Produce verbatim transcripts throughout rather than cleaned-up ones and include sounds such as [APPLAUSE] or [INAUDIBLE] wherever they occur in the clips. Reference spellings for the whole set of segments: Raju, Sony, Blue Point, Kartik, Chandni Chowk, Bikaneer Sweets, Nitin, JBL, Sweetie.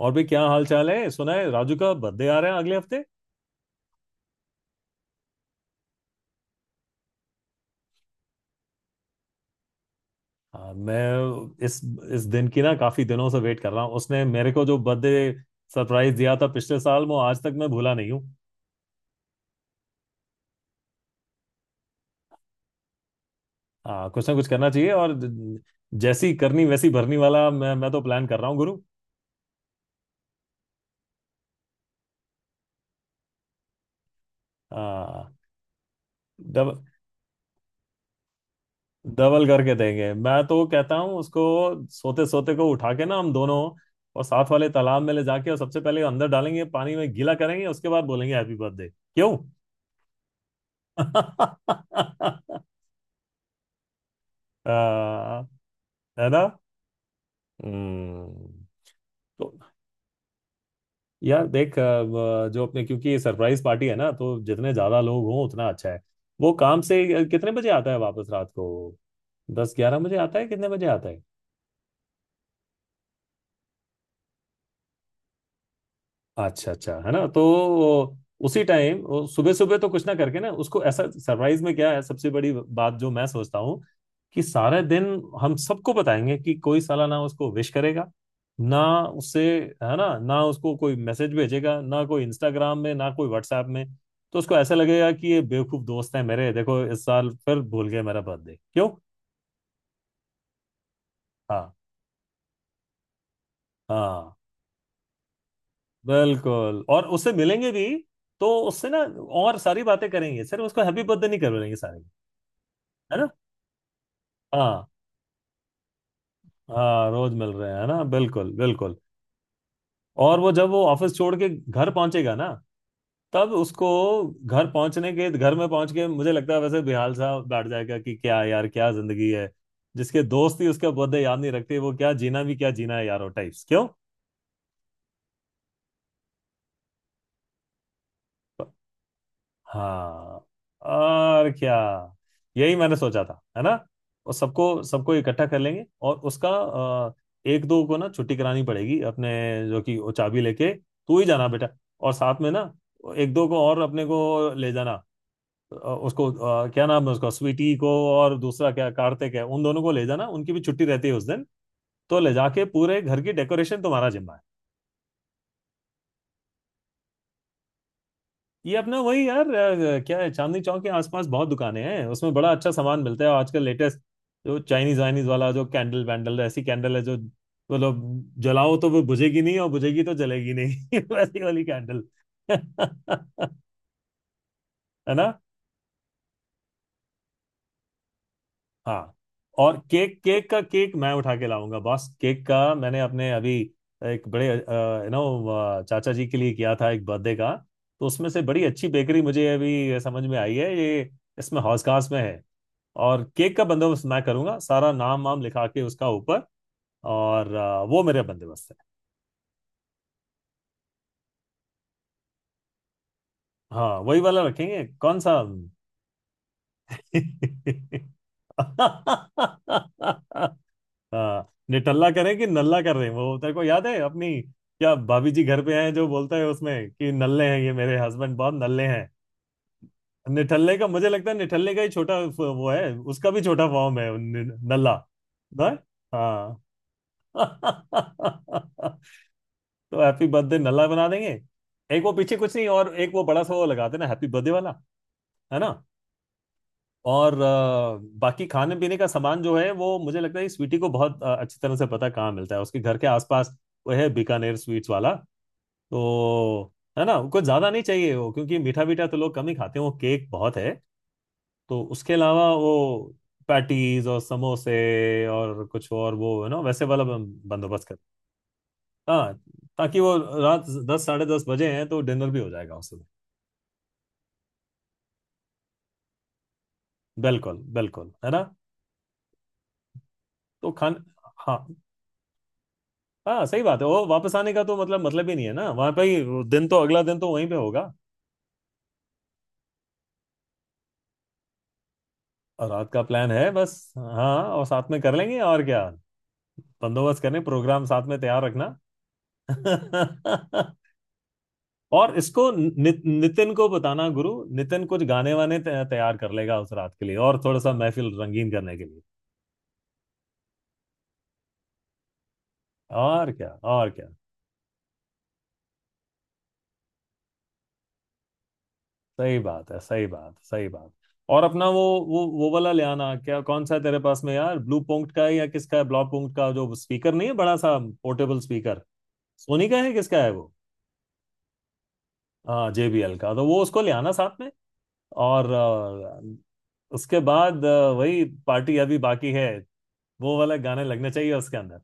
और भी क्या हाल चाल है। सुना है राजू का बर्थडे आ रहा है अगले हफ्ते। हाँ, मैं इस इस दिन की ना काफी दिनों से वेट कर रहा हूँ। उसने मेरे को जो बर्थडे सरप्राइज दिया था पिछले साल वो आज तक मैं भूला नहीं हूँ। हाँ कुछ ना कुछ करना चाहिए और ज- जैसी करनी वैसी भरनी वाला। मैं मैं तो प्लान कर रहा हूँ गुरु। हाँ डब, डबल करके देंगे। मैं तो कहता हूँ उसको सोते सोते को उठा के ना हम दोनों और साथ वाले तालाब में ले जाके और सबसे पहले अंदर डालेंगे पानी में गीला करेंगे, उसके बाद बोलेंगे हैप्पी बर्थडे, क्यों? [LAUGHS] हाँ, है ना। हम्म। तो यार देख अ, व- जो अपने, क्योंकि सरप्राइज पार्टी है ना तो जितने ज्यादा लोग हों उतना अच्छा है। वो काम से अ, कितने बजे आता है वापस रात को? दस ग्यारह बजे आता है, कितने बजे आता है? अच्छा, अच्छा है ना। तो उसी टाइम सुबह सुबह तो कुछ ना करके ना, उसको ऐसा सरप्राइज में क्या है सबसे बड़ी बात जो मैं सोचता हूँ कि सारा दिन हम सबको बताएंगे कि कोई साला ना उसको विश करेगा ना, उससे है ना, ना उसको कोई मैसेज भेजेगा ना कोई इंस्टाग्राम में ना कोई व्हाट्सएप में। तो उसको ऐसा लगेगा कि ये बेवकूफ दोस्त हैं मेरे, देखो इस साल फिर भूल गए मेरा बर्थडे, क्यों? हाँ हाँ बिल्कुल। और उससे मिलेंगे भी तो उससे ना, और सारी बातें करेंगे, सिर्फ उसको हैप्पी बर्थडे नहीं करेंगे सारे, है ना। हाँ हाँ, रोज मिल रहे हैं, है ना, बिल्कुल बिल्कुल। और वो जब वो ऑफिस छोड़ के घर पहुंचेगा ना तब उसको, घर पहुंचने के, घर में पहुंच के मुझे लगता है वैसे बेहाल सा बैठ जाएगा कि क्या यार, क्या जिंदगी है, जिसके दोस्त ही उसका बर्थडे याद नहीं रखते, वो क्या जीना भी, क्या जीना है यार वो टाइप्स, क्यों? हाँ और क्या, यही मैंने सोचा था, है ना। और सबको सबको इकट्ठा कर लेंगे और उसका अ, एक दो को ना छुट्टी करानी पड़ेगी अपने, जो कि वो चाबी लेके तू ही जाना बेटा। और साथ में ना, एक दो को और अपने को ले जाना। अ, उसको अ, क्या नाम है उसका, स्वीटी को, और दूसरा क्या कार्तिक है, उन दोनों को ले जाना, उनकी भी छुट्टी रहती है उस दिन। तो ले जाके पूरे घर की डेकोरेशन तुम्हारा जिम्मा है। ये अपना वही यार अ, क्या है, चांदनी चौक के आसपास बहुत दुकानें हैं, उसमें बड़ा अच्छा सामान मिलता है। और आजकल लेटेस्ट जो चाइनीज वाइनीज वाला, जो कैंडल वैंडल, ऐसी कैंडल है जो मतलब जलाओ तो वो बुझेगी नहीं और बुझेगी तो जलेगी नहीं, [LAUGHS] वैसी वाली कैंडल। [LAUGHS] है ना। हाँ। और केक, केक का, केक मैं उठा के लाऊंगा बॉस। केक का मैंने अपने अभी एक बड़े यू नो चाचा जी के लिए किया था एक बर्थडे का, तो उसमें से बड़ी अच्छी बेकरी मुझे अभी समझ में आई है ये, इसमें हौसखास में है। और केक का बंदोबस्त मैं करूंगा सारा, नाम वाम लिखा के उसका ऊपर। और अ, वो मेरे बंदोबस्त है। हाँ वही वाला रखेंगे, कौन सा? [LAUGHS] हाँ निठल्ला करें कि नल्ला कर रहे हैं। वो तेरे को याद है अपनी, क्या भाभी जी घर पे आए जो बोलता है उसमें कि नल्ले हैं ये मेरे हस्बैंड, बहुत नल्ले हैं। निठल्ले का मुझे लगता है, निठल्ले का ही छोटा फ- वो है, उसका भी छोटा फॉर्म है नि- नल्ला। ना, हाँ। [LAUGHS] तो हैप्पी बर्थडे नल्ला बना देंगे। एक वो पीछे कुछ नहीं, और एक वो बड़ा सा वो लगा देना, हैप्पी बर्थडे वाला, है ना। और अ, बाकी खाने पीने का सामान जो है वो मुझे लगता है इस स्वीटी को बहुत अ, अच्छी तरह से पता है, कहाँ मिलता है उसके घर के आसपास। वो है बीकानेर स्वीट्स वाला, तो है ना, कुछ ज्यादा नहीं चाहिए वो, क्योंकि मीठा मीठा तो लोग कम ही खाते हैं, वो केक बहुत है। तो उसके अलावा वो पैटीज और समोसे, और कुछ और वो है ना वैसे वाला बंदोबस्त। हाँ ताकि वो, रात दस साढ़े दस बजे हैं तो डिनर भी हो जाएगा उस समय। बिल्कुल बिल्कुल, है ना। तो खान, हाँ हाँ सही बात है, वो वापस आने का तो मतलब मतलब ही नहीं है ना, वहां पे ही दिन तो, अगला दिन तो वहीं पे होगा। और रात का प्लान है बस, हाँ और साथ में कर लेंगे, और क्या बंदोबस्त करें, प्रोग्राम साथ में तैयार रखना। [LAUGHS] और इसको नि, नितिन को बताना गुरु, नितिन कुछ गाने वाने तै- तैयार कर लेगा उस रात के लिए, और थोड़ा सा महफिल रंगीन करने के लिए। और क्या, और क्या, सही बात है, सही बात, सही बात। और अपना वो वो वो वाला ले आना, क्या कौन सा है तेरे पास में यार, ब्लू पॉइंट का है या किसका है, ब्लॉक पॉइंट का, जो स्पीकर नहीं है बड़ा सा पोर्टेबल स्पीकर, सोनी का है किसका है वो? हाँ जेबीएल का, तो वो उसको ले आना साथ में। और अ, उसके बाद अ, वही पार्टी अभी बाकी है, वो वाला गाने लगने चाहिए उसके अंदर।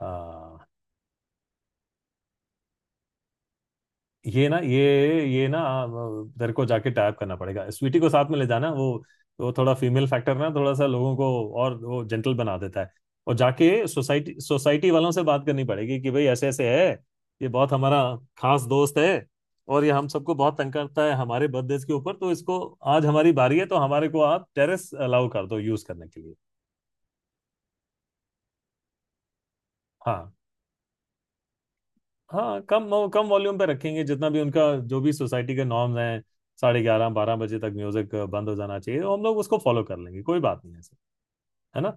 हाँ ये ना, ये ये ना अ, तेरे को जाके टैप करना पड़ेगा, स्वीटी को साथ में ले जाना, वो वो थोड़ा फीमेल फैक्टर ना थोड़ा सा लोगों को और वो जेंटल बना देता है। और जाके सोसाइटी सोसाइटी वालों से बात करनी पड़ेगी कि भाई ऐसे ऐसे है, ये बहुत हमारा खास दोस्त है, और ये हम सबको बहुत तंग करता है हमारे बर्थडे के ऊपर, तो इसको आज हमारी बारी है, तो हमारे को आप टेरेस अलाउ कर दो यूज करने के लिए। हाँ हाँ, कम कम वॉल्यूम पे रखेंगे, जितना भी उनका जो भी सोसाइटी के नॉर्म्स हैं, साढ़े ग्यारह बारह बजे तक म्यूजिक बंद हो जाना चाहिए, तो हम लोग उसको फॉलो कर लेंगे, कोई बात नहीं है ऐसे, है ना।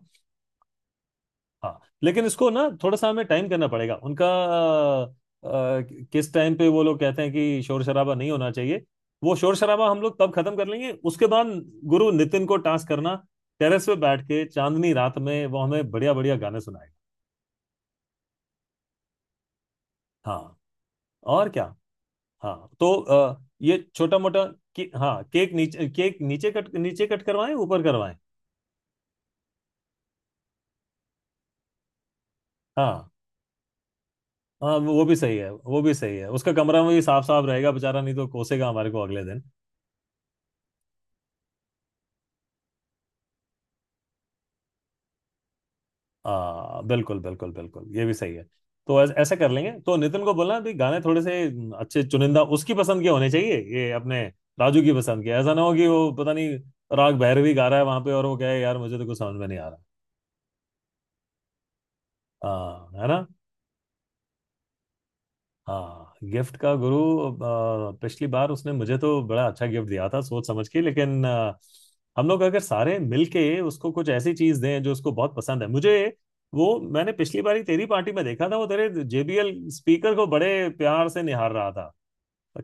हाँ लेकिन इसको ना थोड़ा सा हमें टाइम करना पड़ेगा उनका, अ, अ, किस टाइम पे वो लोग कहते हैं कि शोर शराबा नहीं होना चाहिए, वो शोर शराबा हम लोग तब खत्म कर लेंगे। उसके बाद गुरु नितिन को टास्क करना, टेरेस पे बैठ के चांदनी रात में वो हमें बढ़िया बढ़िया गाने सुनाएगा। हाँ और क्या, हाँ तो अ, ये छोटा मोटा, के, हाँ केक नीचे, केक नीचे कट नीचे कट करवाएं, ऊपर करवाएं? हाँ। हाँ वो वो भी सही है, वो भी सही है, उसका कमरा में भी साफ साफ रहेगा बेचारा, नहीं तो कोसेगा हमारे को अगले दिन। आ, बिल्कुल बिल्कुल बिल्कुल, ये भी सही है। तो ऐस- ऐसा कर लेंगे। तो नितिन को बोलना भी, गाने थोड़े से अच्छे चुनिंदा उसकी पसंद के होने चाहिए, ये अपने राजू की पसंद के, ऐसा ना हो कि वो पता नहीं राग भैरवी गा रहा है वहां पे और वो कहे यार मुझे तो कुछ समझ में नहीं आ रहा। हाँ, है ना। हाँ गिफ्ट का गुरु, अ, पिछली बार उसने मुझे तो बड़ा अच्छा गिफ्ट दिया था सोच समझ के, लेकिन अ, हम लोग अगर सारे मिलके उसको कुछ ऐसी चीज दें जो उसको बहुत पसंद है, मुझे वो, मैंने पिछली बारी तेरी पार्टी में देखा था वो तेरे जेबीएल स्पीकर को बड़े प्यार से निहार रहा था,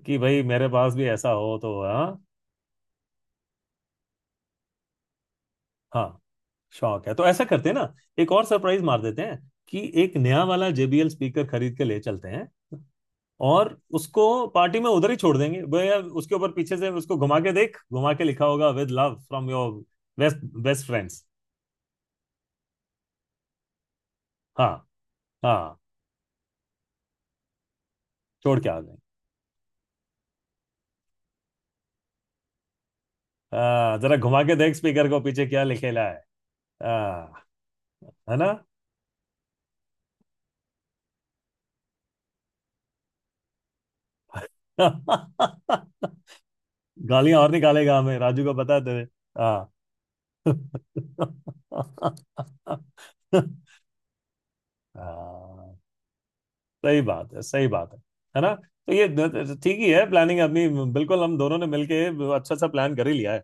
कि भाई मेरे पास भी ऐसा हो तो, हाँ। हाँ शौक है। तो ऐसा करते हैं ना, एक और सरप्राइज मार देते हैं, कि एक नया वाला जेबीएल स्पीकर खरीद के ले चलते हैं, और उसको पार्टी में उधर ही छोड़ देंगे भैया, उसके ऊपर पीछे से उसको घुमा के देख, घुमा के लिखा होगा with love from your best, best friends. हाँ। हाँ छोड़ के आ गए। आ, जरा घुमा के देख स्पीकर को पीछे क्या लिखेला है। आ, है ना। [LAUGHS] गालियां और निकालेगा हमें, राजू को बता दे। हाँ। [LAUGHS] हाँ, सही बात है, सही बात है है ना। तो ये द- द- ठीक ही है प्लानिंग अपनी, बिल्कुल हम दोनों ने मिलके अच्छा सा प्लान कर ही लिया है।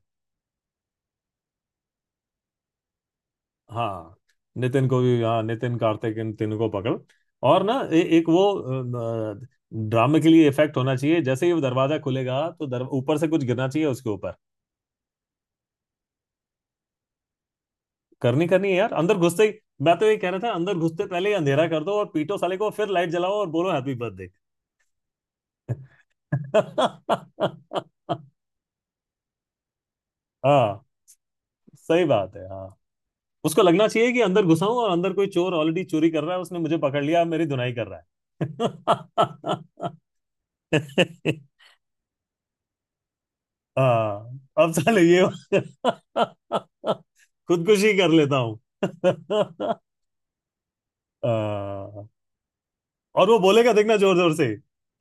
हाँ नितिन को भी, हाँ नितिन, कार्तिक, इन तीनों को पकड़। और ना ए, एक वो अ, ड्रामे के लिए इफेक्ट होना चाहिए, जैसे ही वो दरवाजा खुलेगा तो दर, ऊपर से कुछ गिरना चाहिए उसके ऊपर। करनी, करनी है यार अंदर घुसते ही। मैं तो ये कह रहा था, अंदर घुसते पहले ही अंधेरा कर दो और पीटो साले को, फिर लाइट जलाओ और बोलो हैप्पी बर्थडे। [LAUGHS] हाँ सही बात है। हाँ उसको लगना चाहिए कि अंदर घुसा हूं और अंदर कोई चोर ऑलरेडी चोरी कर रहा है, उसने मुझे पकड़ लिया, अब मेरी धुनाई कर रहा है। [LAUGHS] हाँ अब चलो ये, [LAUGHS] खुदकुशी कर लेता हूँ। [LAUGHS] हाँ, और वो बोलेगा देखना, जोर जोर से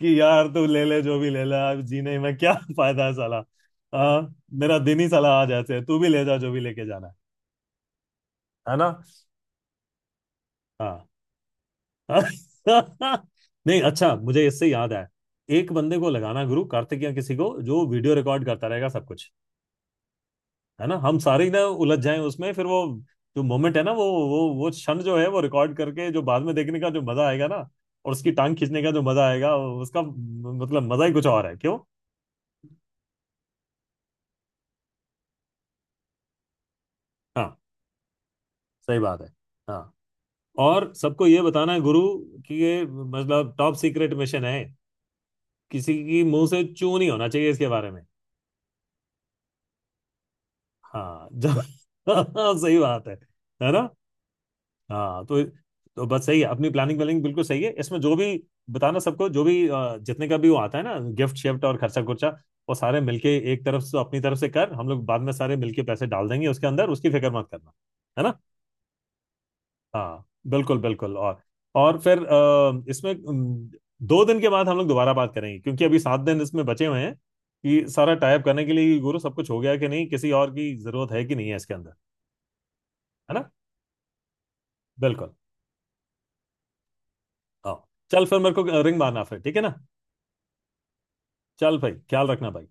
कि यार तू ले ले जो भी ले ले, अब जीने में क्या [LAUGHS] फायदा है साला। हाँ मेरा दिन ही साला आज ऐसे है, तू भी ले जा जो भी लेके जाना है है ना। हाँ। [LAUGHS] नहीं अच्छा, मुझे इससे याद आया, एक बंदे को लगाना गुरु, कार्तिक या किसी को, जो वीडियो रिकॉर्ड करता रहेगा सब कुछ, है ना। हम सारे ही ना उलझ जाएं उसमें, फिर वो जो मोमेंट है ना, वो वो वो क्षण जो है वो रिकॉर्ड करके जो बाद में देखने का जो मजा आएगा ना, और उसकी टांग खींचने का जो मजा आएगा उसका, मतलब मजा ही कुछ और है, क्यों? हाँ सही बात है। हाँ और सबको ये बताना है गुरु, कि ये मतलब टॉप सीक्रेट मिशन है, किसी की मुंह से चू नहीं होना चाहिए इसके बारे में। हाँ जब, [LAUGHS] सही बात है है ना। हाँ तो तो बस सही है, अपनी प्लानिंग व्लानिंग बिल्कुल सही है। इसमें जो भी बताना सबको, जो भी अ, जितने का भी वो आता है ना, गिफ्ट शिफ्ट और खर्चा खुर्चा, वो सारे मिलके एक तरफ से अपनी तरफ से कर, हम लोग बाद में सारे मिलके पैसे डाल देंगे उसके अंदर, उसकी फिक्र मत करना, है ना। हाँ बिल्कुल बिल्कुल। और और फिर अ, इसमें अम, दो दिन के बाद हम लोग दोबारा बात करेंगे, क्योंकि अभी सात दिन इसमें बचे हुए हैं, कि सारा टाइप करने के लिए गुरु सब कुछ हो गया कि नहीं, किसी और की जरूरत है कि नहीं है इसके अंदर, है ना। बिल्कुल। हाँ चल, फिर मेरे को रिंग मारना फिर, ठीक है ना। चल भाई ख्याल रखना भाई।